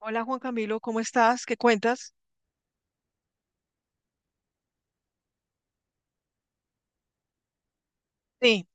Hola Juan Camilo, ¿cómo estás? ¿Qué cuentas? Sí,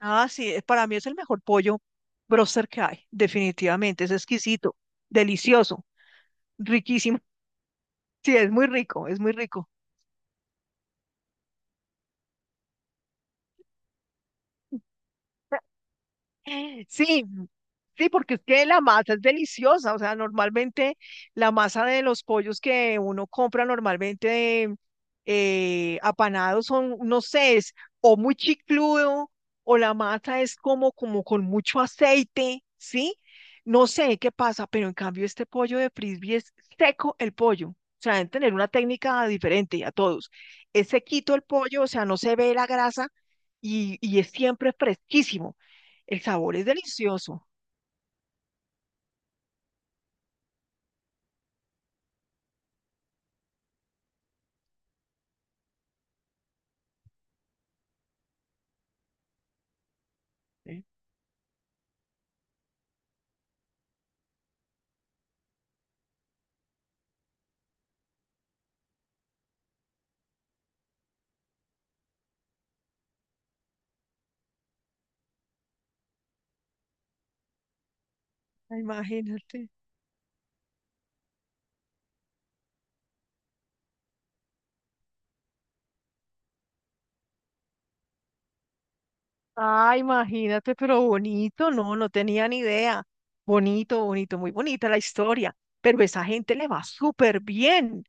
ah, sí, para mí es el mejor pollo broster que hay, definitivamente, es exquisito, delicioso, riquísimo. Sí, es muy rico, es muy rico. Sí, sí, porque es que la masa es deliciosa, o sea, normalmente la masa de los pollos que uno compra normalmente apanados son, no sé, es o muy chicludo o la masa es como, como con mucho aceite, ¿sí? No sé qué pasa, pero en cambio este pollo de frisbee es seco el pollo. O sea, deben tener una técnica diferente a todos. Es sequito el pollo, o sea, no se ve la grasa y es siempre fresquísimo. El sabor es delicioso. ¿Eh? Ah, imagínate. Ah, imagínate, pero bonito, no, no tenía ni idea. Bonito, bonito, muy bonita la historia. Pero esa gente le va súper bien.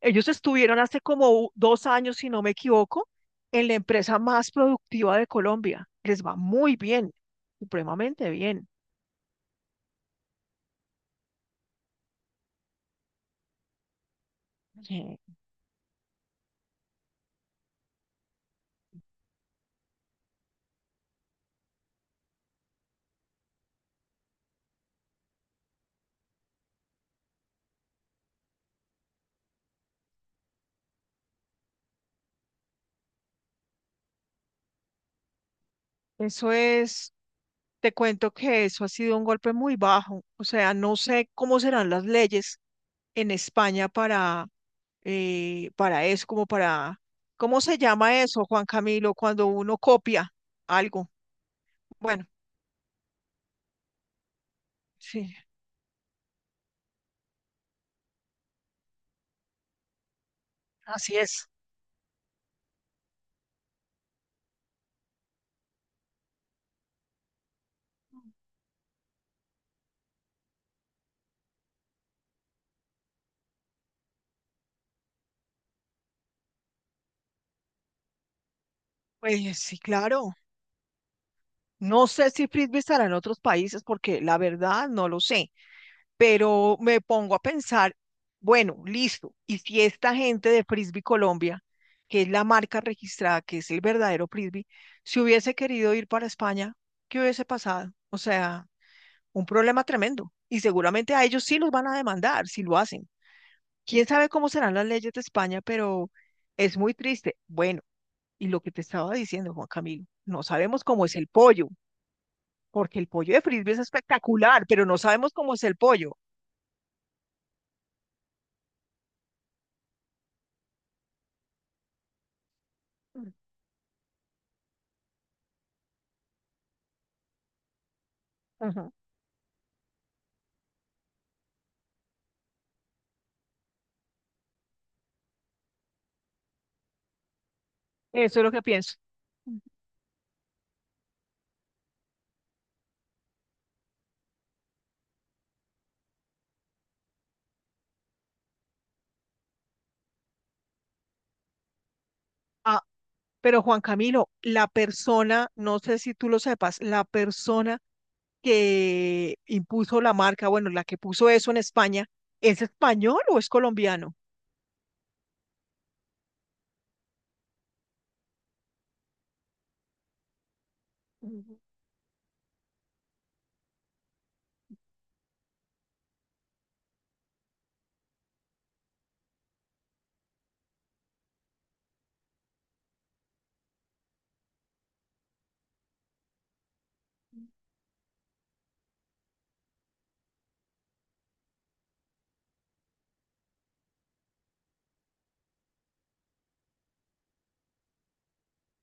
Ellos estuvieron hace como 2 años, si no me equivoco, en la empresa más productiva de Colombia. Les va muy bien, supremamente bien. Sí. Eso es. Te cuento que eso ha sido un golpe muy bajo. O sea, no sé cómo serán las leyes en España para eso, como para, ¿cómo se llama eso, Juan Camilo, cuando uno copia algo? Bueno, sí, así es. Pues sí, claro. No sé si Frisbee estará en otros países porque la verdad no lo sé. Pero me pongo a pensar, bueno, listo, y si esta gente de Frisbee Colombia, que es la marca registrada, que es el verdadero Frisbee, si hubiese querido ir para España, ¿qué hubiese pasado? O sea, un problema tremendo. Y seguramente a ellos sí los van a demandar si lo hacen. Quién sabe cómo serán las leyes de España, pero es muy triste. Bueno, y lo que te estaba diciendo, Juan Camilo, no sabemos cómo es el pollo, porque el pollo de Frisbee es espectacular, pero no sabemos cómo es el pollo. Ujú. Eso es lo que pienso. Ah, pero Juan Camilo, la persona, no sé si tú lo sepas, la persona que impuso la marca, bueno, la que puso eso en España, ¿es español o es colombiano? Ujú.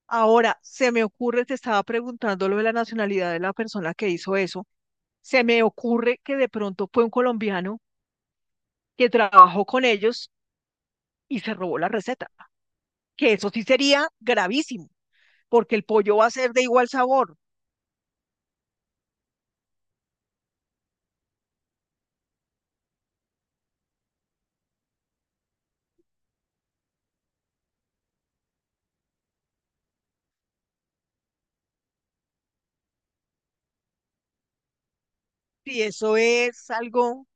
Ahora, se me ocurre, te estaba preguntando lo de la nacionalidad de la persona que hizo eso. Se me ocurre que de pronto fue un colombiano que trabajó con ellos y se robó la receta, que eso sí sería gravísimo, porque el pollo va a ser de igual sabor. Sí, eso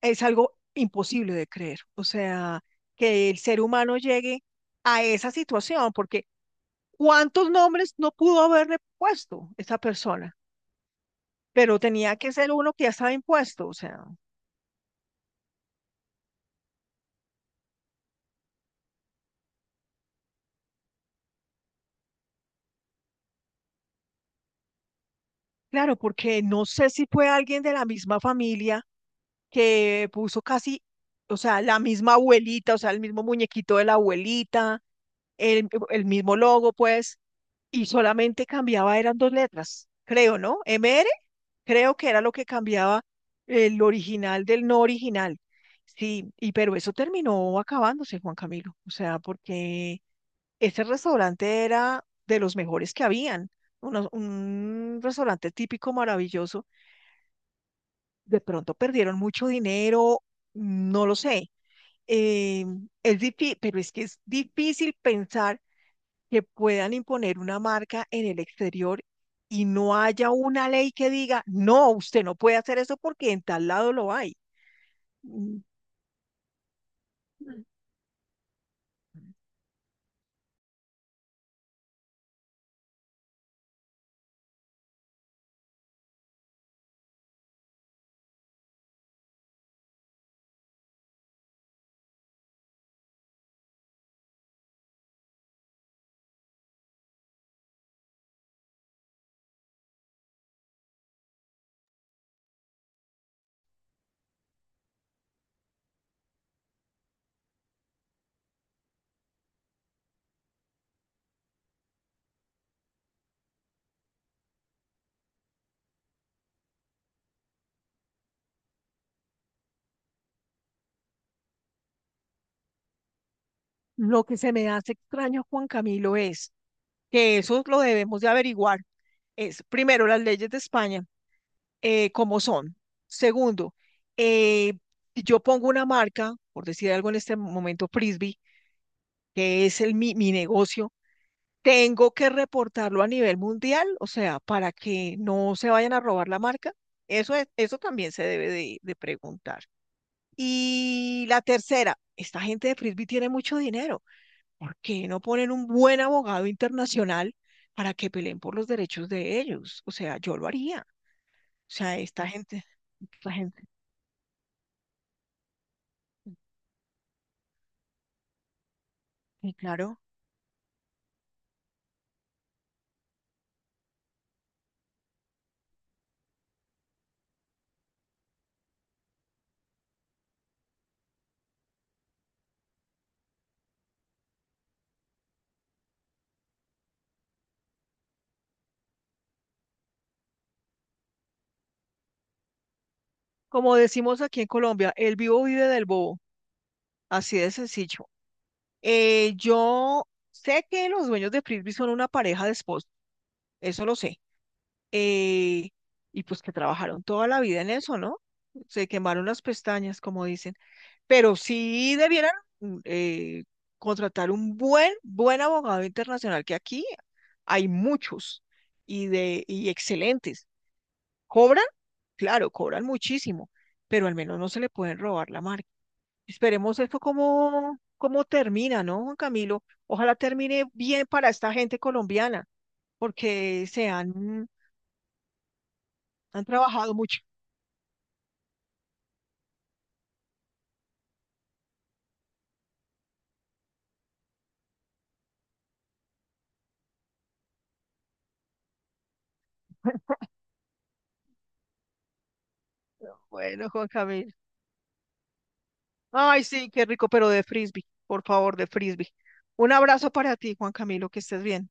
es algo imposible de creer. O sea, que el ser humano llegue a esa situación, porque ¿cuántos nombres no pudo haberle puesto esa persona? Pero tenía que ser uno que ya estaba impuesto. O sea, claro, porque no sé si fue alguien de la misma familia que puso casi, o sea, la misma abuelita, o sea, el mismo muñequito de la abuelita, el mismo logo, pues y solamente cambiaba, eran dos letras, creo, ¿no? M R creo que era lo que cambiaba el original del no original. Sí, y pero eso terminó acabándose, Juan Camilo, o sea, porque ese restaurante era de los mejores que habían, un restaurante típico maravilloso, de pronto perdieron mucho dinero, no lo sé. eh, es pero es que es difícil pensar que puedan imponer una marca en el exterior y no haya una ley que diga, no, usted no puede hacer eso porque en tal lado lo hay. Mm. Lo que se me hace extraño, Juan Camilo, es que eso lo debemos de averiguar. Es, primero, las leyes de España, cómo son. Segundo, eh, si yo pongo una marca, por decir algo en este momento, Frisbee, que es el, mi negocio, tengo que reportarlo a nivel mundial, o sea, para que no se vayan a robar la marca. Eso es, eso también se debe de preguntar. Y la tercera, esta gente de Frisbee tiene mucho dinero. ¿Por qué no ponen un buen abogado internacional para que peleen por los derechos de ellos? O sea, yo lo haría. O sea, esta gente, y claro. Como decimos aquí en Colombia, el vivo vive del bobo. Así de sencillo. Yo sé que los dueños de Frisbee son una pareja de esposos. Eso lo sé. Eh, y pues que trabajaron toda la vida en eso, ¿no? Se quemaron las pestañas, como dicen. Pero sí debieran mm, eh, contratar un buen, buen abogado internacional, que aquí hay muchos y, y excelentes. ¿Cobran? Claro, cobran muchísimo, pero al menos no se le pueden robar la marca. Esperemos esto cómo termina, ¿no, Juan Camilo? Ojalá termine bien para esta gente colombiana, porque se han han trabajado mucho. Bueno, Juan Camilo. Ay, sí, qué rico, pero de frisbee, por favor, de frisbee. Un abrazo para ti, Juan Camilo, que estés bien.